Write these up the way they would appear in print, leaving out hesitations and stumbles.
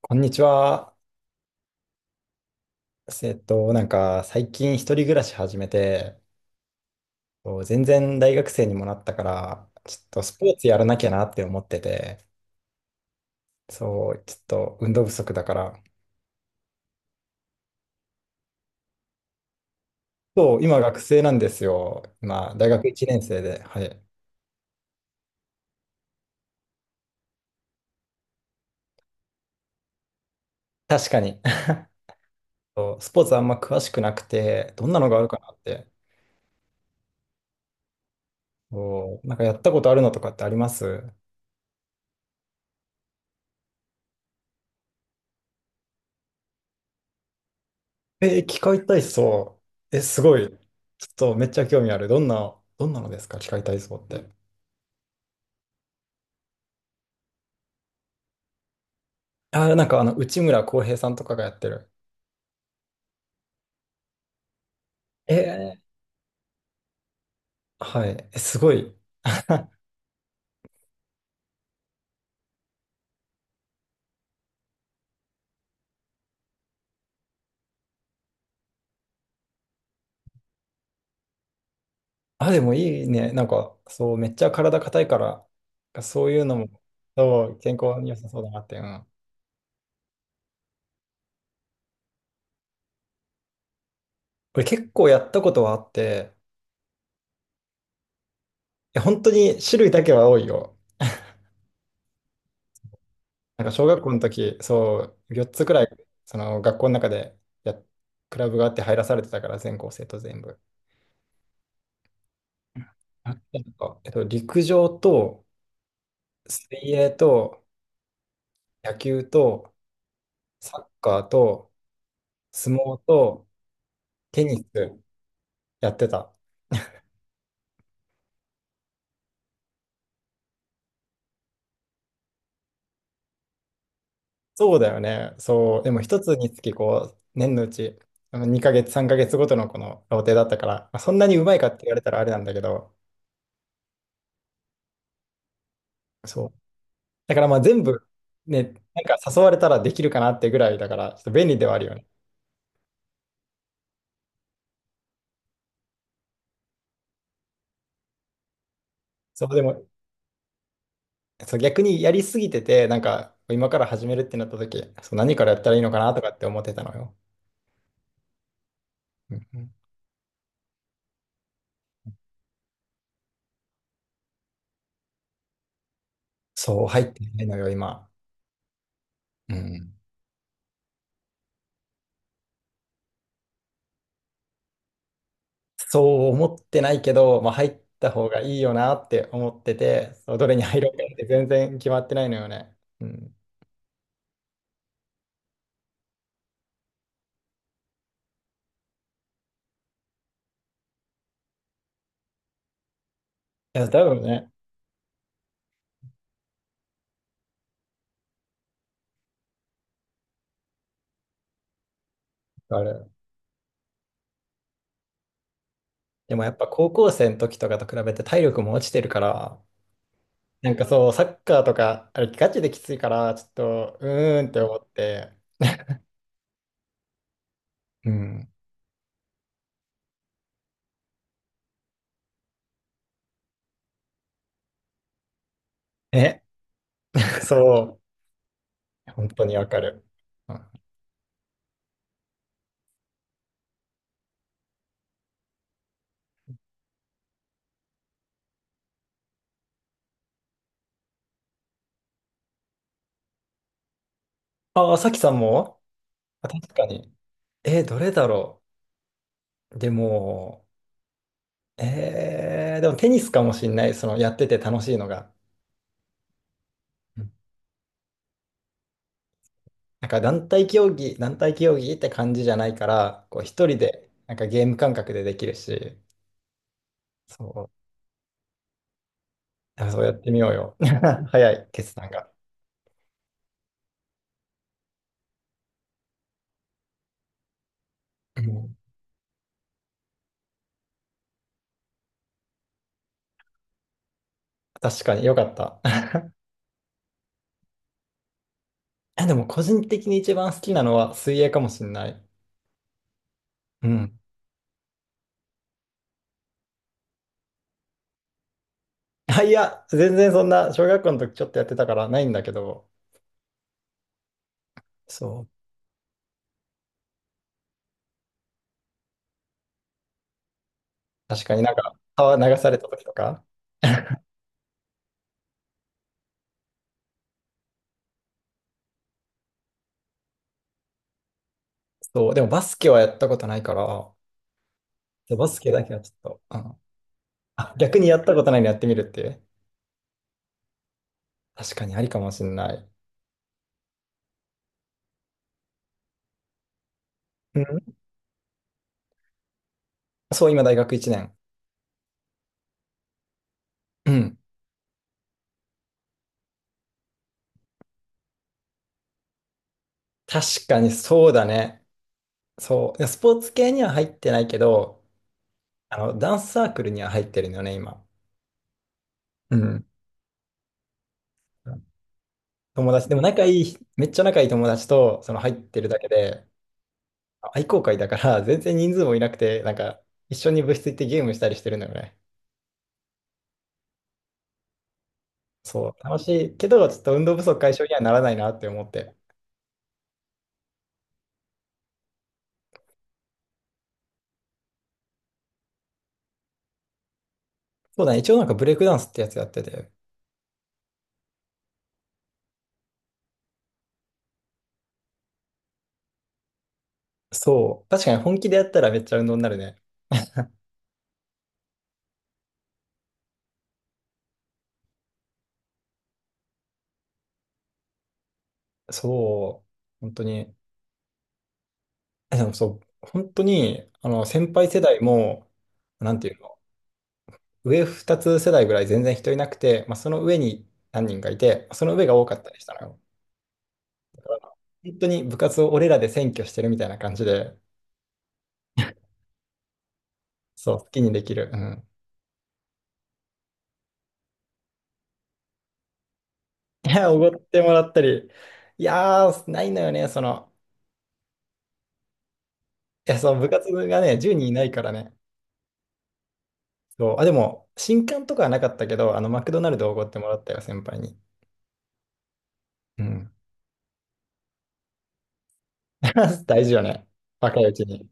こんにちは。なんか最近一人暮らし始めて、こう全然大学生にもなったから、ちょっとスポーツやらなきゃなって思ってて、そう、ちょっと運動不足だから。そう、今学生なんですよ。今、大学1年生で。はい。確かに。そうスポーツあんま詳しくなくて、どんなのがあるかなって。そうなんかやったことあるのとかってあります？え、機械体操。え、すごい。ちょっとめっちゃ興味ある。どんなのですか機械体操って。あ、なんか内村航平さんとかがやってる。えはい。すごい。あ、でもいいね。なんか、そう、めっちゃ体硬いから、そういうのも、そう、健康に良さそうだなって。うん。俺結構やったことはあって、いや本当に種類だけは多いよ。なんか小学校の時、そう、4つくらい、その学校の中でや、クラブがあって入らされてたから、全校生徒全部。あ、なんか、陸上と、水泳と、野球と、サッカーと、相撲とテニスやってた。そうだよね。そう。でも一つにつきこう、年のうち、2ヶ月、3ヶ月ごとのこのローテだったから、まあ、そんなにうまいかって言われたらあれなんだけど、そう。だからまあ全部、ね、なんか誘われたらできるかなってぐらいだから、ちょっと便利ではあるよね。そう、でも、そう、逆にやりすぎてて、なんか今から始めるってなった時、そう、何からやったらいいのかなとかって思ってたのよ。うんうん。そう、入ってないのよ、今。うん。そう思ってないけど、まあ、入った方がいいよなって思ってて、そうどれに入ろうかって全然決まってないのよね。うん。いや、多分ね、あれ。でもやっぱ高校生の時とかと比べて体力も落ちてるから、なんかそう、サッカーとか、あれガチできついから、ちょっと、うーんって思って、うん。え、そう、本当にわかる。うん。ああ、さきさんも。あ、確かに。どれだろう。でも、でもテニスかもしんない、そのやってて楽しいのが。うん。なんか団体競技って感じじゃないから、こう一人でなんかゲーム感覚でできるし、そう、あそうやってみようよ。早い決断が。うん。確かによかった。え、でも個人的に一番好きなのは水泳かもしんない。うん。あ、いや、全然そんな小学校の時ちょっとやってたからないんだけど、そう、確かになんか川流された時とか。そう、でもバスケはやったことないから、でバスケだけはちょっと、あ、逆にやったことないのやってみるっていう。確かにありかもしんない。うん。そう、今大学1年。うん。確かにそうだね。そう。いやスポーツ系には入ってないけど、ダンスサークルには入ってるのよね、今。うん。友達、でも仲いい、めっちゃ仲いい友達と、入ってるだけで、愛好会だから、全然人数もいなくて、なんか、一緒に部室行ってゲームしたりしてるのよね。そう、楽しいけど、ちょっと運動不足解消にはならないなって思って。そうだね。一応なんかブレイクダンスってやつやってて。そう。確かに本気でやったらめっちゃ運動になるね。そう。本当に。でもそう。本当に、先輩世代も、なんていうの、上2つ世代ぐらい全然人いなくて、まあ、その上に何人かいて、その上が多かったりしたのよ。本当に部活を俺らで占拠してるみたいな感じで、そう、好きにできる。うん。いや、おごってもらったり。いやー、ないのよね。いや、その部活がね、10人いないからね。そう、でも、新刊とかはなかったけど、マクドナルドおごってもらったよ、先輩に。うん。大事よね。若いうちに。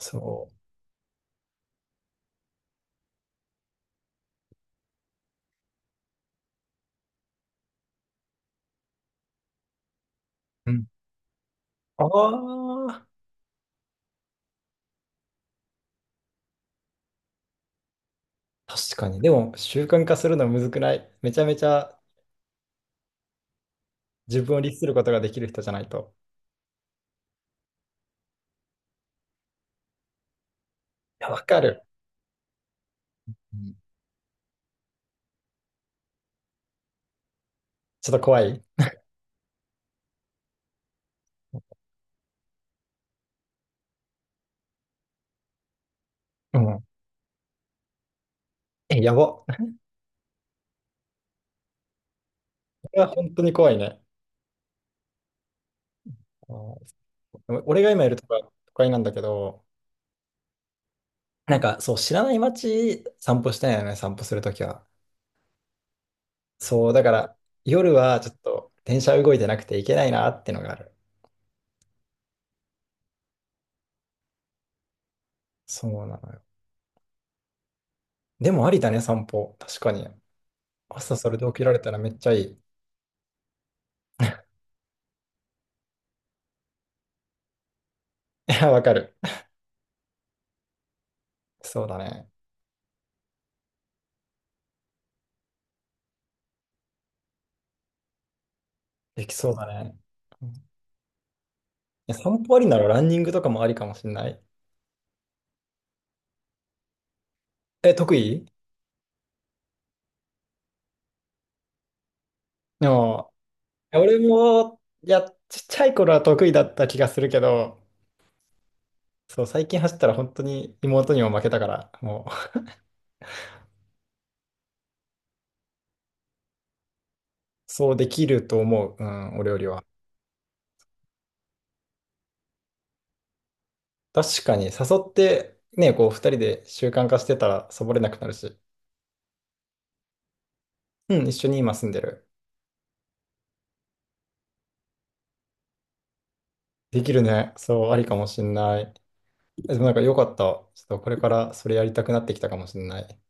そう。うん。ああ、確かに。でも、習慣化するのむずくない？めちゃめちゃ自分を律することができる人じゃないと。いや、わかる。うん。ちょっと怖い。うん。え、やば。これは本当に怖いね。あーそう俺が今いるとこは都会なんだけど、なんかそう、知らない街散歩したいよね、散歩するときは。そう、だから夜はちょっと電車動いてなくて行けないなってのがある。そうなのよ。でもありだね、散歩。確かに。朝それで起きられたらめっちゃいい。いや、わかる。そうだね。できそうだね。うん。いや、散歩ありならランニングとかもありかもしれない。え、得意？でも、いや俺も、いや、ちっちゃい頃は得意だった気がするけど、そう、最近走ったら本当に妹にも負けたから、もう、そうできると思う。うん、お料理は。確かに、誘って、ね、こう、二人で習慣化してたら、サボれなくなるし。うん、一緒に今住んでる。できるね。そう、ありかもしんない。でもなんか良かった。ちょっとこれからそれやりたくなってきたかもしんない。